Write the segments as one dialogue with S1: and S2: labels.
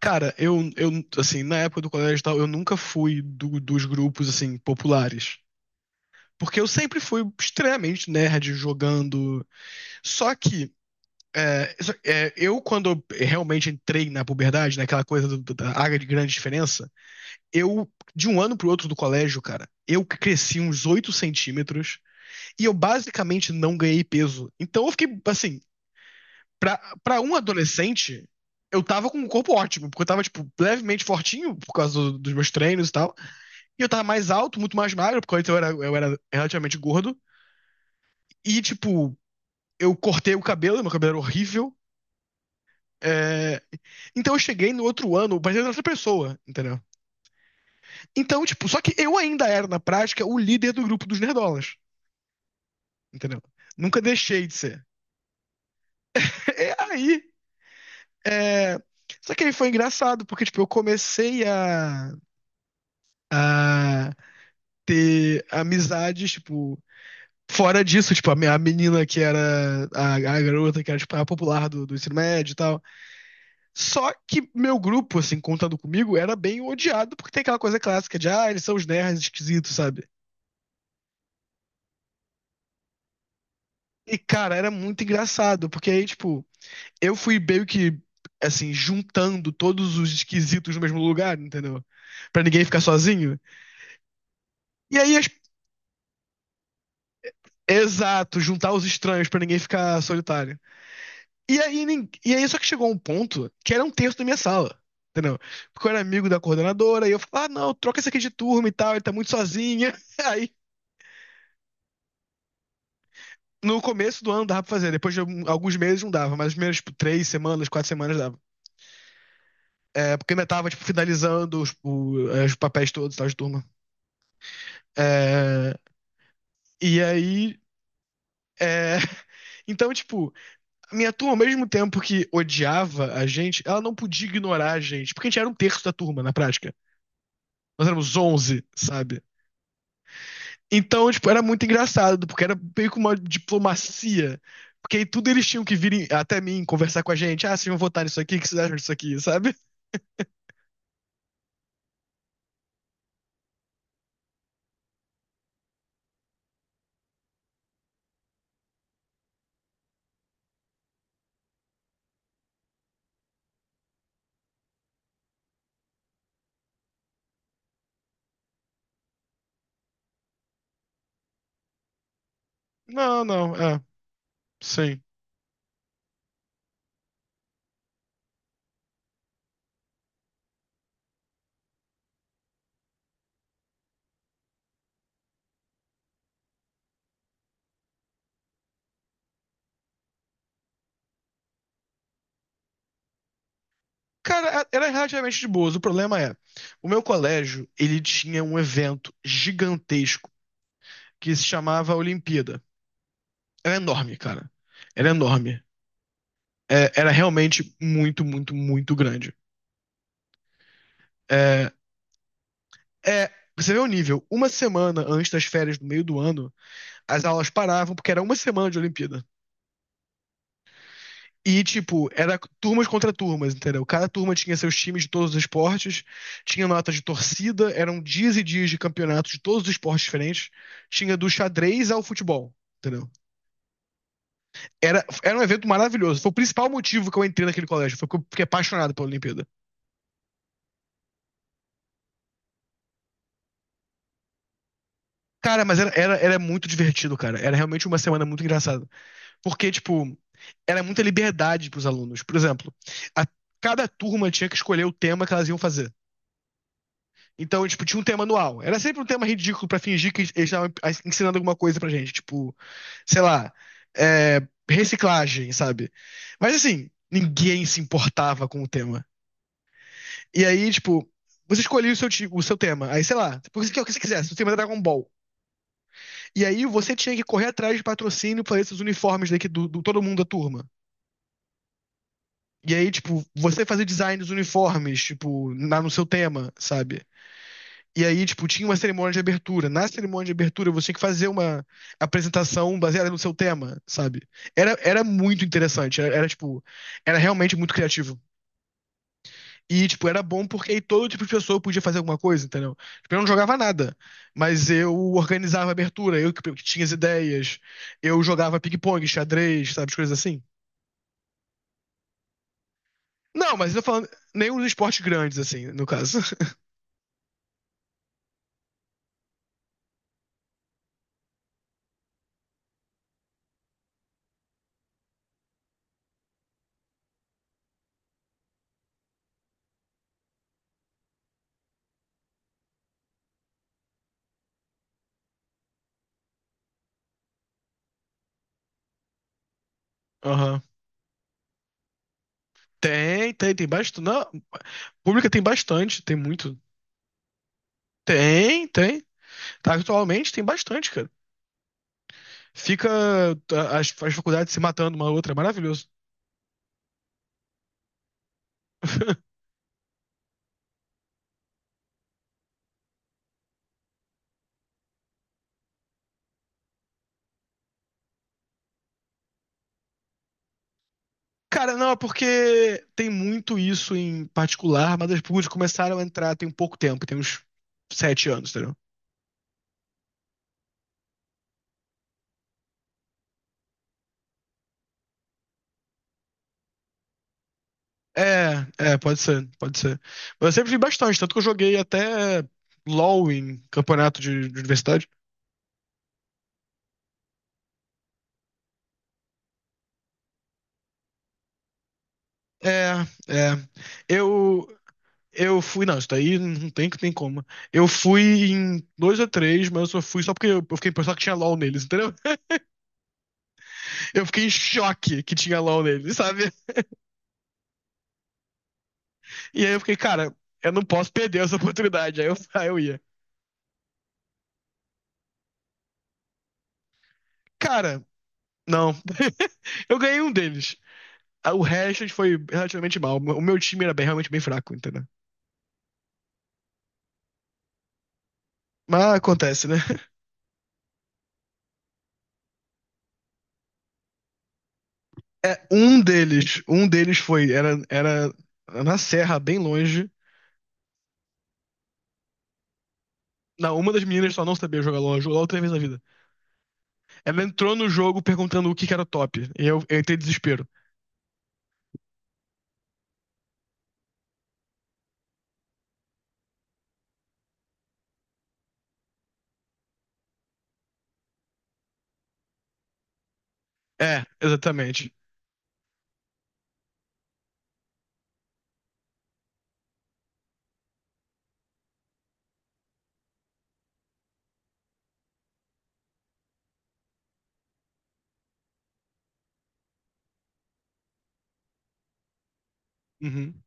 S1: Cara, assim, na época do colégio e tal, eu nunca fui dos grupos, assim, populares. Porque eu sempre fui extremamente nerd jogando. Só que, quando eu realmente entrei na puberdade, naquela coisa da área de grande diferença, eu, de um ano pro outro do colégio, cara, eu cresci uns 8 centímetros e eu basicamente não ganhei peso. Então eu fiquei, assim. Pra, pra um adolescente, eu tava com um corpo ótimo, porque eu tava, tipo, levemente fortinho por causa dos meus treinos e tal. E eu tava mais alto, muito mais magro, porque antes eu era relativamente gordo. E, tipo, eu cortei o cabelo, meu cabelo era horrível. É, Então eu cheguei no outro ano, parecendo outra pessoa, entendeu? Então, tipo, só que eu ainda era, na prática, o líder do grupo dos nerdolas, entendeu? Nunca deixei de ser. E aí, é... só que aí foi engraçado, porque, tipo, eu comecei a ter amizades, tipo, fora disso, tipo, a menina que era a garota que era, tipo, a popular do ensino médio e tal. Só que meu grupo, assim, contando comigo, era bem odiado porque tem aquela coisa clássica de: ah, eles são os nerds esquisitos, sabe? E, cara, era muito engraçado, porque aí, tipo, eu fui meio que, assim, juntando todos os esquisitos no mesmo lugar, entendeu? Pra ninguém ficar sozinho. E aí, exato, juntar os estranhos pra ninguém ficar solitário. E aí, só que chegou um ponto que era um terço da minha sala. Entendeu? Porque eu era amigo da coordenadora, e eu falava: ah, não, troca esse aqui de turma e tal, ele tá muito sozinha. Aí, no começo do ano dava pra fazer, depois de alguns meses não dava, mas as primeiras, tipo, 3 semanas, 4 semanas dava. É, porque ainda tava, tipo, finalizando os papéis todos, e tal, de turma. É, e aí, é, então, tipo, a minha turma, ao mesmo tempo que odiava a gente, ela não podia ignorar a gente, porque a gente era um terço da turma, na prática. Nós éramos 11, sabe? Então, tipo, era muito engraçado, porque era meio que uma diplomacia. Porque aí tudo eles tinham que vir até mim conversar com a gente. Ah, vocês vão votar nisso aqui? O que vocês acham disso aqui, sabe? Não, não, sim. Cara, era relativamente de boas. O problema é, o meu colégio, ele tinha um evento gigantesco que se chamava Olimpíada. Era enorme, cara. Era enorme. Era realmente muito, muito, muito grande. É, é, você vê o nível. Uma semana antes das férias do meio do ano, as aulas paravam porque era uma semana de Olimpíada. E, tipo, era turmas contra turmas, entendeu? Cada turma tinha seus times de todos os esportes, tinha notas de torcida, eram dias e dias de campeonatos de todos os esportes diferentes, tinha do xadrez ao futebol, entendeu? Era um evento maravilhoso. Foi o principal motivo que eu entrei naquele colégio, foi porque eu fiquei apaixonado pela Olimpíada. Cara, mas era muito divertido, cara. Era realmente uma semana muito engraçada. Porque, tipo, era muita liberdade pros alunos. Por exemplo, a- cada turma tinha que escolher o tema que elas iam fazer. Então, tipo, tinha um tema anual. Era sempre um tema ridículo pra fingir que eles estavam ensinando alguma coisa pra gente. Tipo, sei lá, é, reciclagem, sabe? Mas, assim, ninguém se importava com o tema. E aí, tipo, você escolhia o seu tema. Aí, sei lá, o que você quisesse. O tema era Dragon Ball. E aí você tinha que correr atrás de patrocínio para esses uniformes daqui do todo mundo da turma. E aí, tipo, você fazer design dos uniformes, tipo, no seu tema, sabe? E aí, tipo, tinha uma cerimônia de abertura. Na cerimônia de abertura, você tinha que fazer uma apresentação baseada no seu tema, sabe? Era muito interessante. Tipo, era realmente muito criativo. E, tipo, era bom porque aí todo tipo de pessoa podia fazer alguma coisa, entendeu? Tipo, eu não jogava nada, mas eu organizava a abertura, que tinha as ideias, eu jogava ping-pong, xadrez, sabe, as coisas assim. Não, mas eu tô falando, nenhum dos esportes grandes, assim, no caso. Aham. Tem, tem, tem bastante. Não, pública tem bastante, tem muito. Tem, tem. Tá, atualmente tem bastante, cara. Fica as faculdades se matando uma outra, é maravilhoso. Cara, não, é porque tem muito isso em particular, mas as públicas começaram a entrar tem pouco tempo, tem uns 7 anos, entendeu? É, é, pode ser, pode ser. Mas eu sempre vi bastante, tanto que eu joguei até LoL em campeonato de universidade. É, é. Eu, eu fui, não, isso daí não tem, tem como. Eu fui em dois ou três, mas eu só fui só porque eu fiquei pensando que tinha LoL neles, entendeu? Eu fiquei em choque que tinha LoL neles, sabe? E aí eu fiquei, cara, eu não posso perder essa oportunidade. Aí eu, aí eu ia. Cara, não. Eu ganhei um deles. Ah, o resto foi relativamente mal. O meu time era realmente bem fraco, entendeu? Mas acontece, né? É, um deles foi, era na serra, bem longe. Uma das meninas só não sabia jogar LOL, jogou LOL três vezes na vida. Ela entrou no jogo perguntando o que que era o top. E eu entrei em desespero. É, exatamente. Uhum.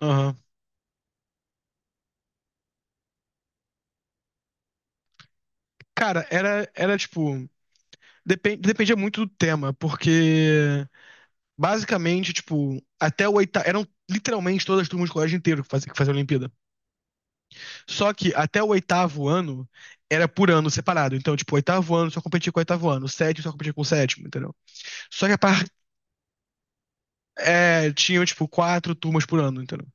S1: Aham. Cara, era tipo. Dependia muito do tema, porque. Basicamente, tipo, até o oitavo. Eram literalmente todas as turmas do colégio inteiro que faziam a Olimpíada. Só que até o oitavo ano era por ano separado. Então, tipo, o oitavo ano só competia com o oitavo ano, o sétimo só competia com o sétimo, entendeu? Só que tinham, tipo, quatro turmas por ano, entendeu?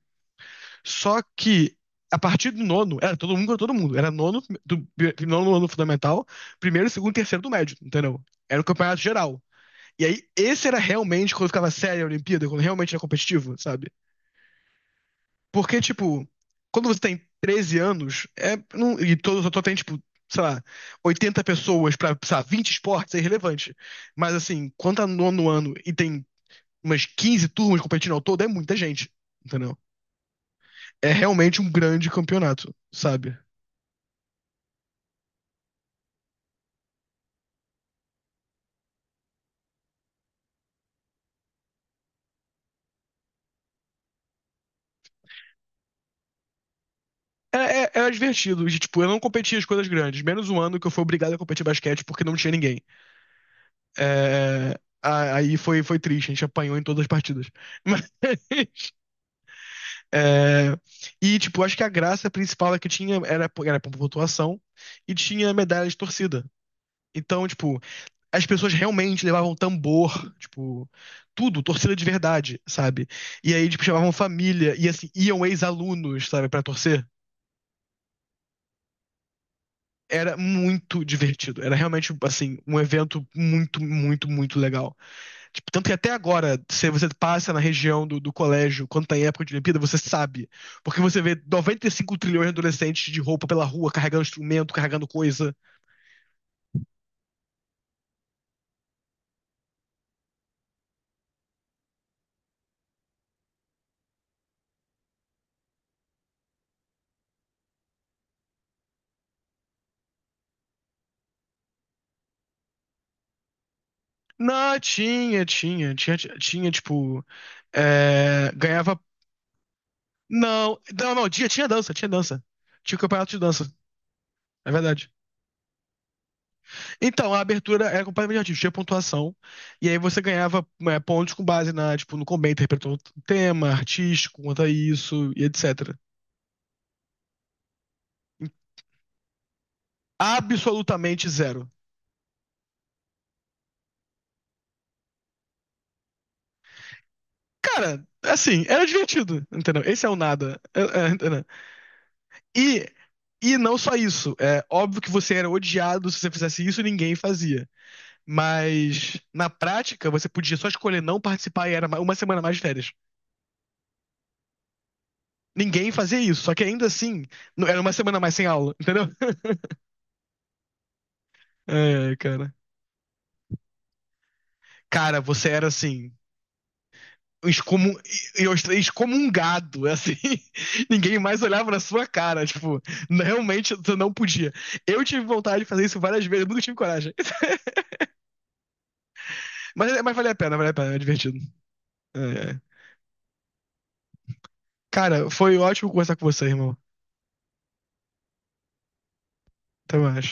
S1: Só que a partir do nono, era todo mundo contra todo mundo. Era nono, nono ano fundamental, primeiro, segundo, terceiro do médio, entendeu? Era o campeonato geral. E aí, esse era realmente quando ficava séria a Olimpíada, quando realmente era competitivo, sabe? Porque, tipo, quando você tem 13 anos, só tem, tipo, sei lá, 80 pessoas pra, sei lá, 20 esportes, é irrelevante. Mas, assim, quando tá no nono ano e tem umas 15 turmas competindo ao todo, é muita gente, entendeu? É realmente um grande campeonato, sabe? É- Era divertido, e, tipo, eu não competia as coisas grandes, menos um ano que eu fui obrigado a competir basquete porque não tinha ninguém. Aí foi, triste, a gente apanhou em todas as partidas. É, e, tipo, acho que a graça principal é que tinha era por pontuação e tinha medalha de torcida. Então, tipo, as pessoas realmente levavam tambor, tipo, tudo, torcida de verdade, sabe? E aí, tipo, chamavam família e, assim, iam ex-alunos, sabe, pra torcer. Era muito divertido. Era realmente, assim, um evento muito, muito, muito legal. Tipo, tanto que até agora, se você passa na região do colégio, quando tá em época de Olimpíada, você sabe. Porque você vê 95 trilhões de adolescentes de roupa pela rua, carregando instrumento, carregando coisa. Não, tinha, tipo. Ganhava. Não, não, não, tinha dança, tinha dança. Tinha campeonato de dança. É verdade. Então, a abertura era completamente artística, tinha pontuação. E aí você ganhava pontos com base tipo, no como bem interpretou o tema, artístico, quanto a isso, e etc. Absolutamente zero. Cara, assim, era divertido, entendeu? Esse é o nada. É, é, entendeu? E, e não só isso. É óbvio que você era odiado se você fizesse isso, ninguém fazia. Mas na prática, você podia só escolher não participar e era uma semana mais de férias. Ninguém fazia isso, só que ainda assim, era uma semana mais sem aula, entendeu? É, cara. Cara, você era assim, excomun... eu estarei excomungado, assim. Ninguém mais olhava na sua cara, tipo, realmente você não podia. Eu tive vontade de fazer isso várias vezes, eu nunca tive coragem. Mas valeu a pena, é divertido. É. É. Cara, foi ótimo conversar com você, irmão. Até mais.